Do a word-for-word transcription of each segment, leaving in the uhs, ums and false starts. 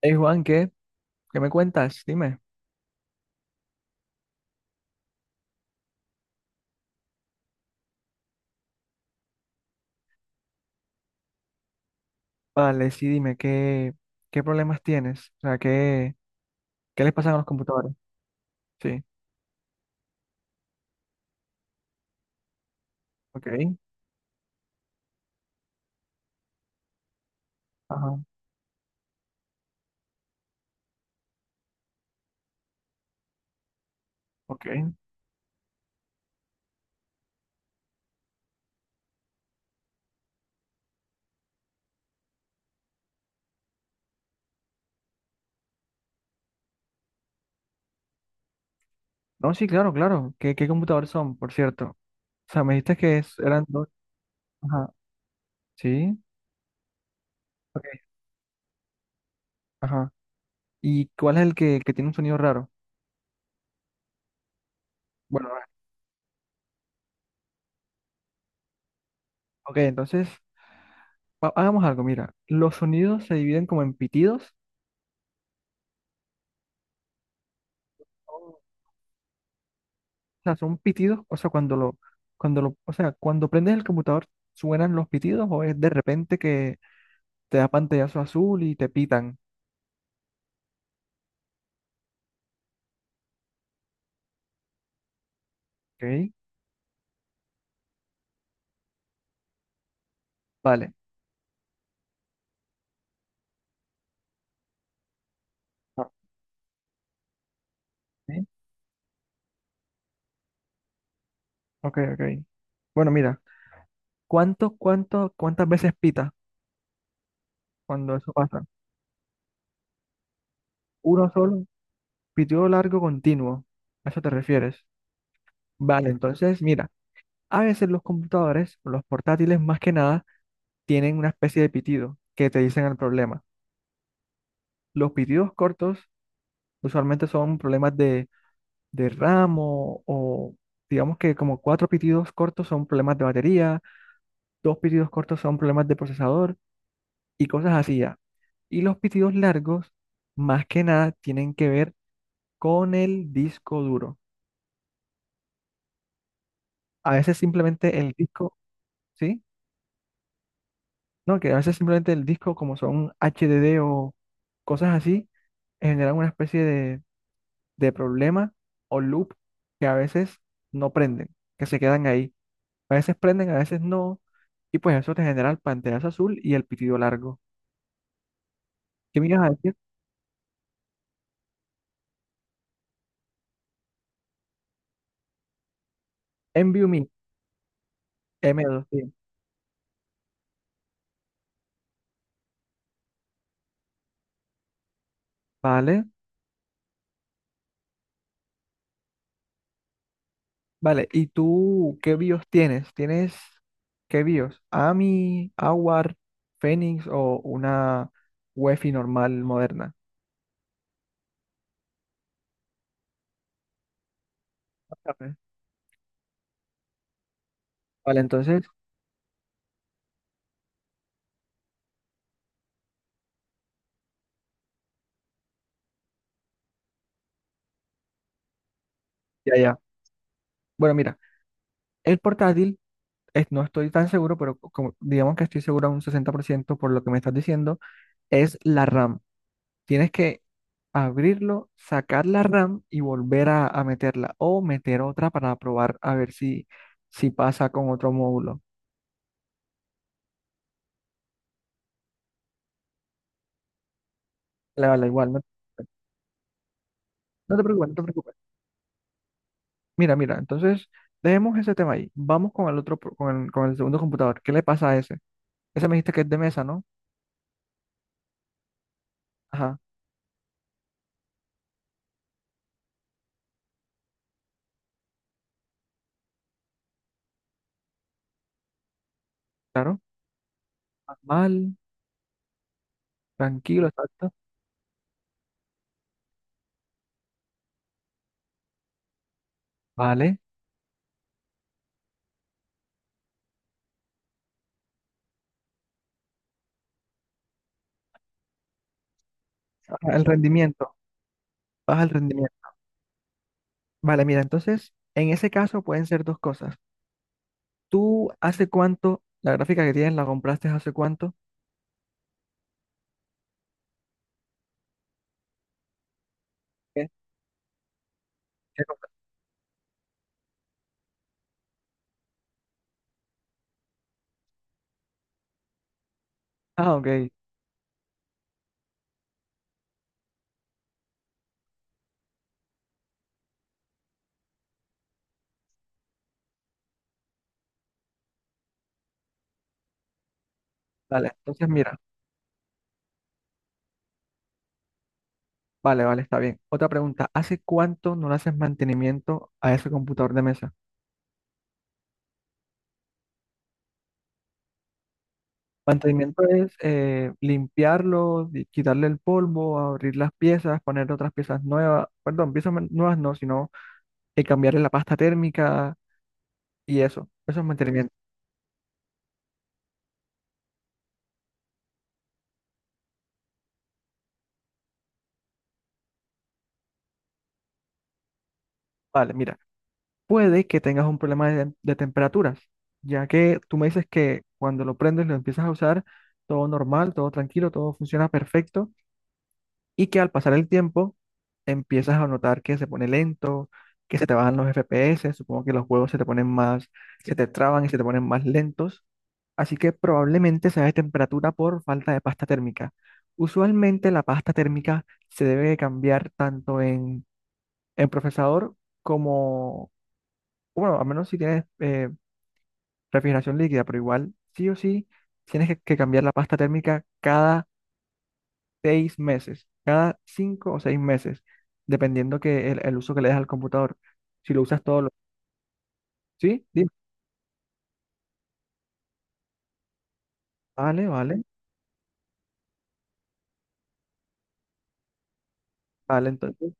Hey Juan, ¿qué? ¿Qué me cuentas? Dime. Vale, sí, dime, ¿qué, qué problemas tienes? O sea, ¿qué, qué les pasa a los computadores? Sí, ok, ajá, ok. No, sí, claro, claro. ¿Qué, qué computadores son, por cierto? O sea, me dijiste que es- eran dos. Ajá, sí, ok, ajá. ¿Y cuál es el que, que tiene un sonido raro? Bueno, ok, entonces, ha- hagamos algo, mira. Los sonidos se dividen como en pitidos. Sea, son pitidos. O sea, cuando lo, cuando lo, o sea, cuando prendes el computador, ¿suenan los pitidos o es de repente que te da pantallazo azul y te pitan? ¿Ok? Vale. Ah, ¿sí? Ok, ok. Bueno, mira, ¿cuánto, cuánto, cuántas veces pita cuando eso pasa? Uno solo, pitido largo continuo. ¿A eso te refieres? Vale, entonces, mira, a veces los computadores, los portátiles más que nada, tienen una especie de pitido que te dicen el problema. Los pitidos cortos usualmente son problemas de de ramo o digamos que como cuatro pitidos cortos son problemas de batería, dos pitidos cortos son problemas de procesador y cosas así ya. Y los pitidos largos, más que nada, tienen que ver con el disco duro. A veces simplemente el disco, ¿sí? No, que a veces simplemente el disco, como son H D D o cosas así, generan una especie de, de problema o loop que a veces no prenden, que se quedan ahí. A veces prenden, a veces no. Y pues eso te genera el pantallazo azul y el pitido largo. ¿Qué me ibas a decir? Envy me, m dos sí. Vale, vale. ¿Y tú qué BIOS tienes? ¿Tienes qué BIOS? AMI, AWAR, Phoenix o una UEFI normal moderna? Ajá. Vale, entonces, ya, ya. Bueno, mira, el portátil, es, no estoy tan seguro, pero co- como, digamos que estoy seguro a un sesenta por ciento por lo que me estás diciendo, es la RAM. Tienes que abrirlo, sacar la RAM y volver a, a meterla o meter otra para probar a ver si, si pasa con otro módulo. Le vale igual, no, no te preocupes, no te preocupes. Mira, mira, entonces dejemos ese tema ahí. Vamos con el otro, pro- con el, con el segundo computador. ¿Qué le pasa a ese? Ese me dijiste que es de mesa, ¿no? Ajá, claro. Mal, tranquilo, exacto. Vale. Ajá, el rendimiento, baja el rendimiento. Vale, mira, entonces en ese caso pueden ser dos cosas. ¿Tú hace cuánto, la gráfica que tienes, la compraste hace cuánto? ¿Qué? Ah, ok. Vale, entonces mira, vale, vale, está bien. Otra pregunta, ¿hace cuánto no le haces mantenimiento a ese computador de mesa? Mantenimiento es eh, limpiarlo, di- quitarle el polvo, abrir las piezas, poner otras piezas nuevas, perdón, piezas man- nuevas no, sino eh, cambiarle la pasta térmica y eso. Eso es mantenimiento. Vale, mira, puede que tengas un problema de, de temperaturas, ya que tú me dices que cuando lo prendes, lo empiezas a usar, todo normal, todo tranquilo, todo funciona perfecto y que al pasar el tiempo empiezas a notar que se pone lento, que se te bajan los F P S, supongo que los juegos se te ponen más, se te traban y se te ponen más lentos, así que probablemente sea de temperatura por falta de pasta térmica. Usualmente la pasta térmica se debe de cambiar tanto en, en procesador como, bueno, a menos si tienes eh, refrigeración líquida, pero igual sí o sí tienes que, que cambiar la pasta térmica cada seis meses, cada cinco o seis meses, dependiendo que el, el uso que le des al computador. Si lo usas todo, lo... ¿sí? Dime. Vale, vale, vale, entonces,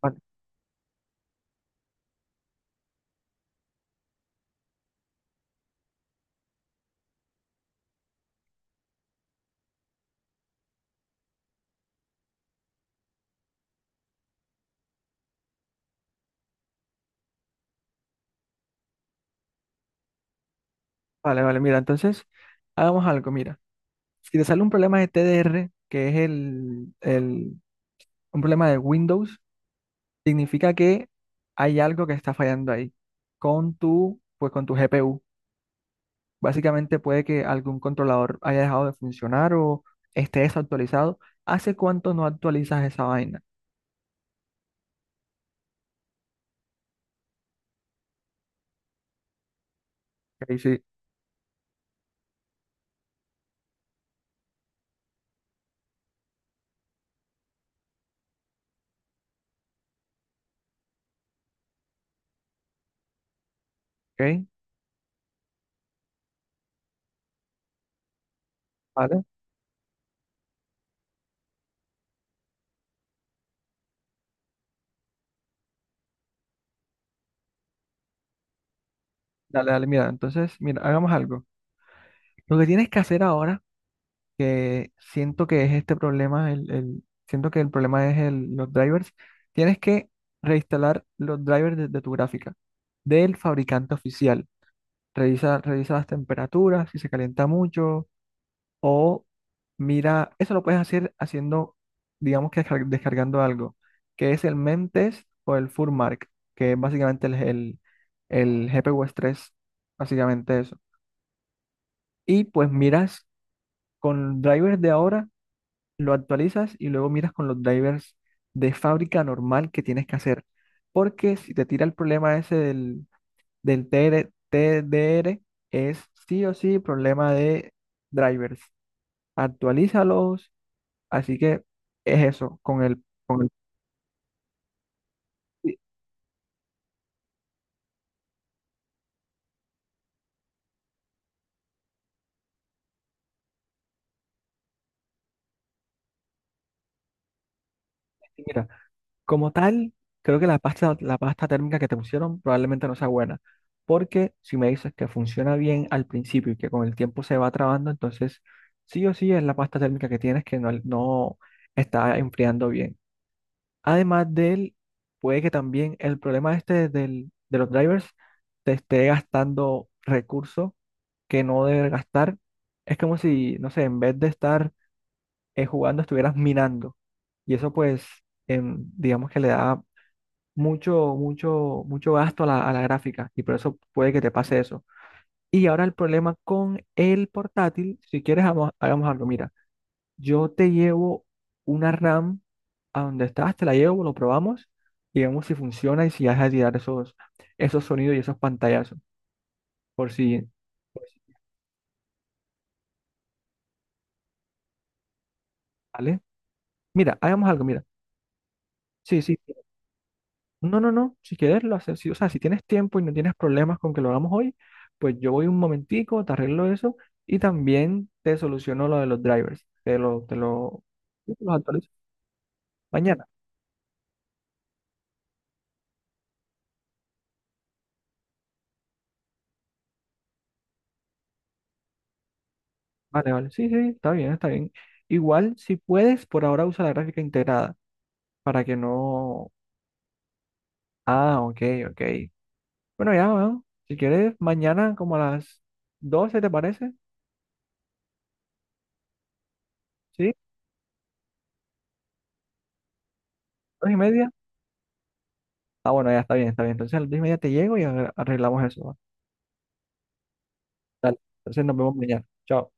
vale, vale, vale, mira, entonces, hagamos algo, mira. Si te sale un problema de T D R, que es el, el, un problema de Windows, significa que hay algo que está fallando ahí con tu, pues con tu G P U. Básicamente puede que algún controlador haya dejado de funcionar o esté desactualizado. ¿Hace cuánto no actualizas esa vaina? Ok, sí, ok, vale, dale, dale, mira, entonces, mira, hagamos algo. Lo que tienes que hacer ahora, que siento que es este problema, el, el- siento que el problema es el- los drivers, tienes que reinstalar los drivers de, de tu gráfica, del fabricante oficial. Revisa, revisa las temperaturas, si se calienta mucho, o mira, eso lo puedes hacer haciendo, digamos que descar- descargando algo, que es el Memtest o el Furmark, que es básicamente el, el, el G P U tres básicamente eso. Y pues miras con drivers de ahora, lo actualizas y luego miras con los drivers de fábrica normal que tienes que hacer. Porque si te tira el problema ese del, del T T R T D R es sí o sí problema de drivers. Actualízalos. Así que es eso. Con el, con el, sí, mira, como tal, creo que la pasta, la pasta térmica que te pusieron probablemente no sea buena, porque si me dices que funciona bien al principio y que con el tiempo se va trabando, entonces sí o sí es la pasta térmica que tienes que no, no está enfriando bien. Además de él, puede que también el problema este del, de los drivers te esté gastando recursos que no debe gastar. Es como si, no sé, en vez de estar eh, jugando, estuvieras minando. Y eso pues, em, digamos que le da mucho, mucho, mucho gasto a la, a la gráfica y por eso puede que te pase eso. Y ahora el problema con el portátil, si quieres, hagamos, hagamos algo. Mira, yo te llevo una RAM a donde estás, te la llevo, lo probamos y vemos si funciona y si has de dar esos, esos sonidos y esos pantallazos. Por si, por si- ¿vale? Mira, hagamos algo, mira. Sí, sí, no, no, no, si quieres lo haces, si- o sea, si tienes tiempo y no tienes problemas con que lo hagamos hoy, pues yo voy un momentico, te arreglo eso y también te soluciono lo de los drivers, te lo, te lo, sí, te los actualizo mañana. Vale, vale, sí, sí, está bien, está bien. Igual, si puedes, por ahora usa la gráfica integrada para que no... Ah, ok, ok. Bueno, ya, bueno, si quieres, mañana como a las doce, ¿te parece? ¿Sí? ¿Dos y media? Ah, bueno, ya está bien, está bien. Entonces a las dos y media te llego y ar- arreglamos eso. ¿Vale? Dale, entonces nos vemos mañana. Chao.